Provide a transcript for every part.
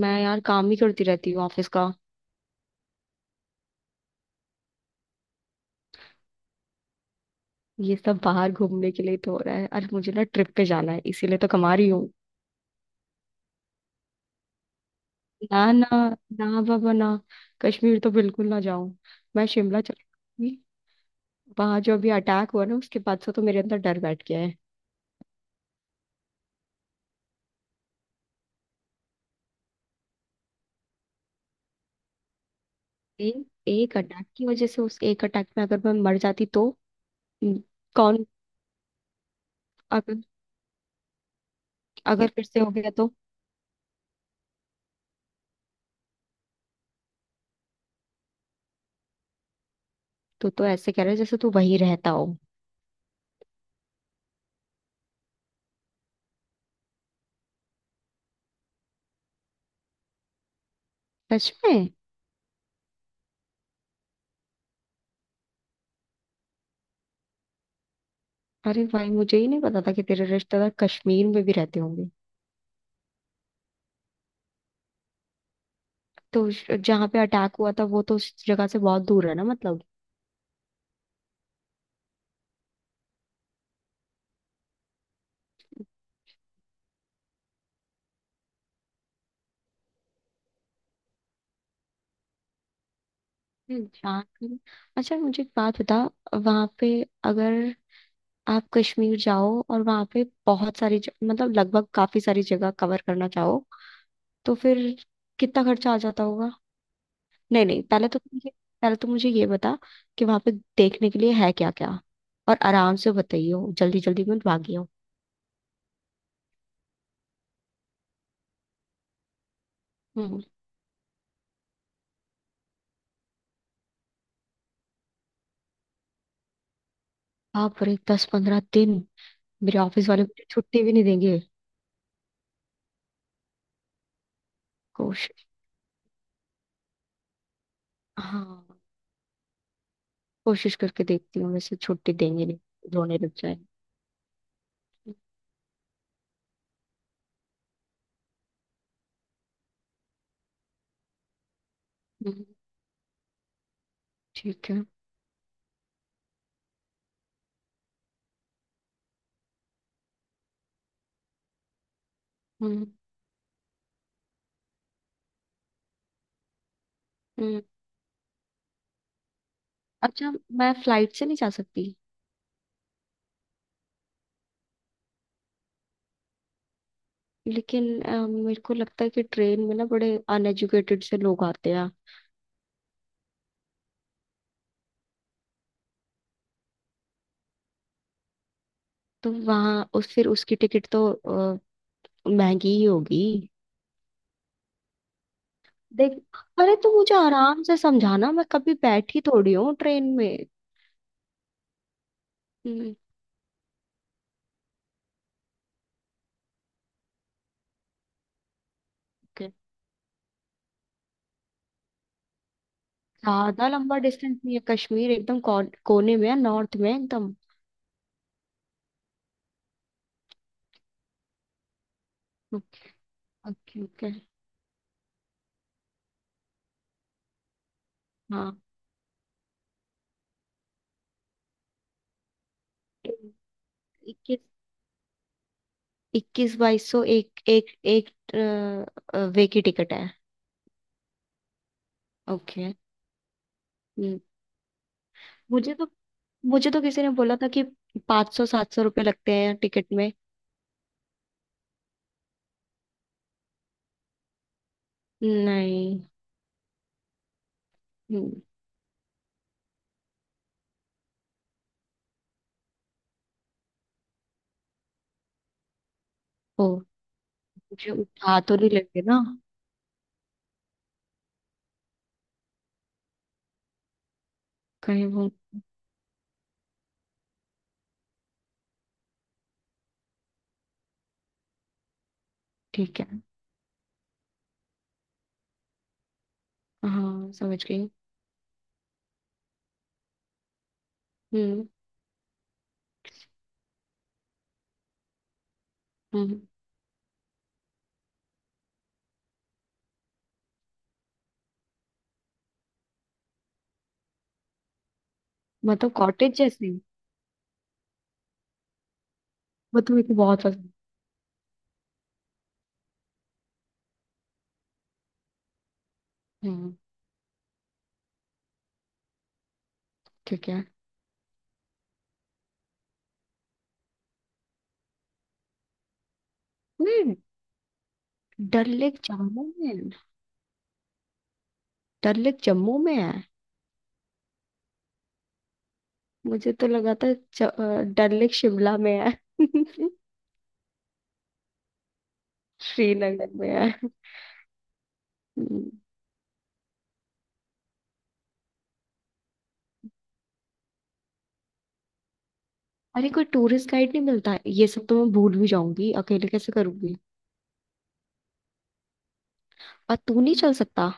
मैं यार काम ही करती रहती हूँ ऑफिस का। ये सब बाहर घूमने के लिए तो हो रहा है। अरे मुझे ना ट्रिप पे जाना है इसीलिए तो कमा रही हूँ। ना ना, ना बाबा ना। कश्मीर तो बिल्कुल ना जाऊं। मैं शिमला चली जाऊंगी। वहां जो अभी अटैक हुआ ना उसके बाद से तो मेरे अंदर डर बैठ गया है। एक अटैक की वजह से उस एक अटैक में अगर मैं मर जाती तो। हम्म, कौन। अगर अगर फिर से हो गया तो। तो ऐसे कह रहे जैसे तू वहीं रहता हो। सच में। अरे भाई मुझे ही नहीं पता था कि तेरे रिश्तेदार कश्मीर में भी रहते होंगे। तो जहाँ पे अटैक हुआ था वो तो उस जगह से बहुत दूर है ना मतलब। हम्म जहाँ की- अच्छा मुझे एक बात बता। वहाँ पे अगर आप कश्मीर जाओ और वहाँ पे बहुत सारी मतलब लगभग काफी सारी जगह कवर करना चाहो तो फिर कितना खर्चा आ जाता होगा। नहीं नहीं, पहले तो मुझे ये बता कि वहाँ पे देखने के लिए है क्या क्या। और आराम से बताइयो, जल्दी जल्दी मत भागियो। हम्म। आप रे 10-15 दिन। मेरे ऑफिस वाले मुझे छुट्टी भी नहीं देंगे। कोशिश। हाँ। कोशिश करके देखती हूँ वैसे छुट्टी देंगे नहीं। रोने लग जाएंगे। हम्म, ठीक है। हम्म, हम्म। अच्छा, मैं फ्लाइट से नहीं जा सकती। लेकिन मेरे को लगता है कि ट्रेन में ना बड़े अनएजुकेटेड से लोग आते हैं। तो वहाँ उस फिर उसकी टिकट तो महंगी ही होगी। देख। अरे तो मुझे आराम से समझाना, मैं कभी बैठी थोड़ी हूँ ट्रेन में। हम्म, ओके। ज्यादा लंबा डिस्टेंस नहीं है, कश्मीर एकदम कोने में है, नॉर्थ में है एकदम। Okay, okay, okay. हाँ। इक्कीस इक्कीस बाईस सौ एक एक एक अ, वे की टिकट है। ओके। हम्म। मुझे तो मुझे तो किसी ने बोला था कि 500-700 रुपये लगते हैं टिकट में। नहीं। हम्म, ओ मुझे उठा तो नहीं लेंगे ना कहीं वो। ठीक है। हाँ, समझ गई। हम्म। हम्म। मतलब कॉटेज जैसे। मतलब मेरे को बहुत पसंद। हम्म। ठीक है। नहीं, डल लेक जम्मू में। डल लेक जम्मू में है। मुझे तो लगा था डल लेक शिमला में है। श्रीनगर में है। हम्म। अरे कोई टूरिस्ट गाइड नहीं मिलता है, ये सब तो मैं भूल भी जाऊंगी, अकेले कैसे करूंगी। और तू नहीं चल सकता।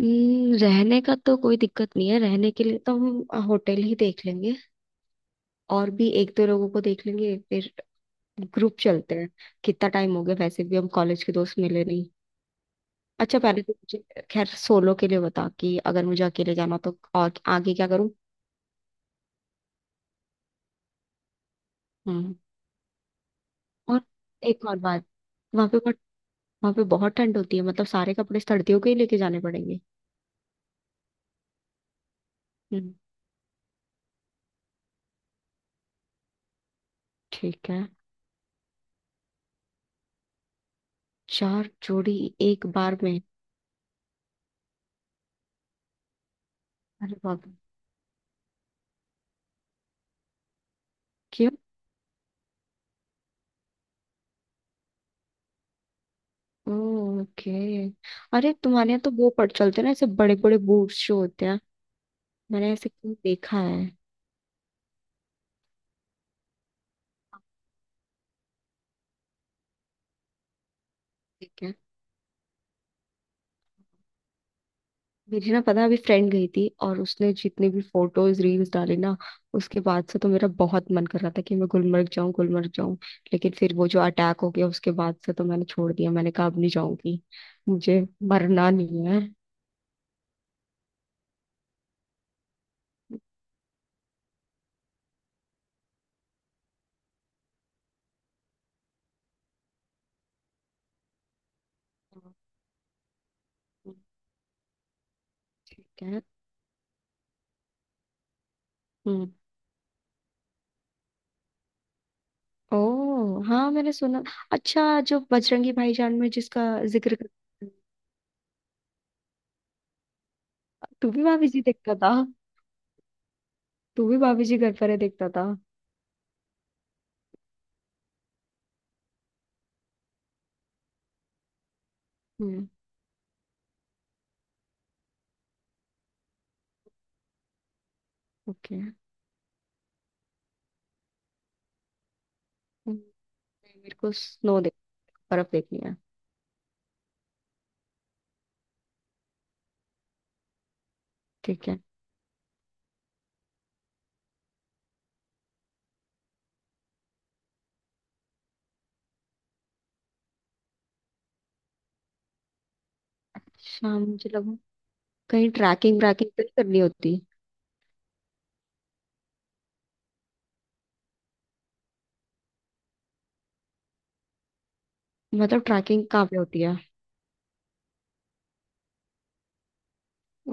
रहने का तो कोई दिक्कत नहीं है, रहने के लिए तो हम होटल ही देख लेंगे। और भी एक दो लोगों को देख लेंगे फिर। ग्रुप चलते हैं। कितना टाइम हो गया वैसे भी, हम कॉलेज के दोस्त मिले नहीं। अच्छा पहले तो मुझे, खैर सोलो के लिए बता कि अगर मुझे अकेले जाना तो और आगे क्या करूं। हम्म। और एक और बात। वहां पे बट वहां पे बहुत ठंड होती है मतलब सारे कपड़े सर्दियों के ही लेके जाने पड़ेंगे। हम्म। ठीक है। 4 जोड़ी। एक बार में। अरे बाप रे। क्यों। ओके। अरे तुम्हारे यहाँ तो वो पड़ चलते हैं ना ऐसे बड़े बड़े बूट्स जो होते हैं। मैंने ऐसे कहीं देखा है। ठीक है। मेरी ना पता है, अभी फ्रेंड गई थी और उसने जितने भी फोटोज रील्स डाले ना, उसके बाद से तो मेरा बहुत मन कर रहा था कि मैं गुलमर्ग जाऊं, गुलमर्ग जाऊं। लेकिन फिर वो जो अटैक हो गया उसके बाद से तो मैंने छोड़ दिया, मैंने कहा अब नहीं जाऊंगी। मुझे मरना नहीं है। ठीक है। हम्म। ओ हाँ, मैंने सुना। अच्छा, जो बजरंगी भाईजान में जिसका जिक्र कर- तू भी भाभी जी देखता था तू भी भाभी जी घर पर है देखता था। हम्म। ओके मेरे को स्नो देख बर्फ देखनी है। ठीक है। शाम मुझे लगा कहीं ट्रैकिंग व्रैकिंग तो नहीं करनी होती। मतलब ट्रैकिंग कहाँ पे होती है।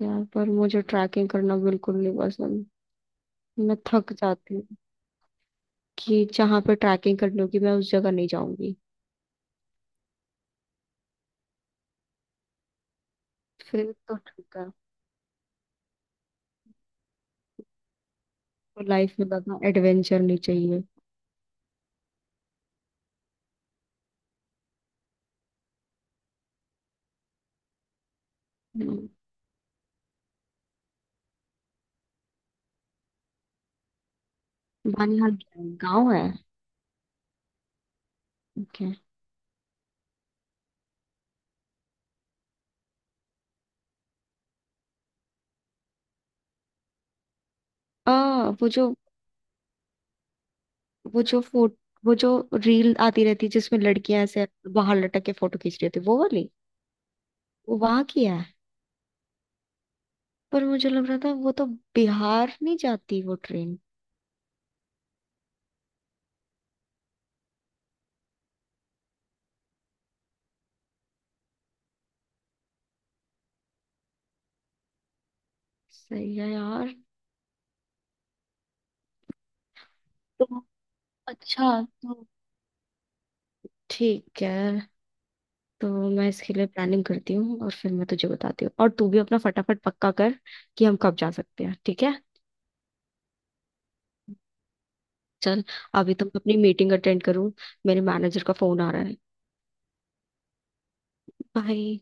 यार पर मुझे ट्रैकिंग करना बिल्कुल नहीं पसंद, मैं थक जाती हूँ। कि जहाँ पे ट्रैकिंग करनी होगी मैं उस जगह नहीं जाऊंगी। फिर तो ठीक है। तो लाइफ में बस एडवेंचर नहीं चाहिए। हम्म। बानिहाल क्या है? गाँव है। ओके। आ वो जो वो जो फोट वो जो रील आती रहती है जिसमें लड़कियां ऐसे बाहर लटक के फोटो खींच रही होती है, वो वाली। वो वहां की है। पर मुझे लग रहा था वो तो, बिहार नहीं जाती वो ट्रेन। सही है यार। तो, अच्छा, तो ठीक है, तो मैं इसके लिए प्लानिंग करती हूँ और फिर मैं तुझे बताती हूँ, और तू भी अपना फटाफट पक्का कर कि हम कब जा सकते हैं, ठीक है। चल। अभी तो मैं अपनी मीटिंग अटेंड करूँ, मेरे मैनेजर का फोन आ रहा है। बाय।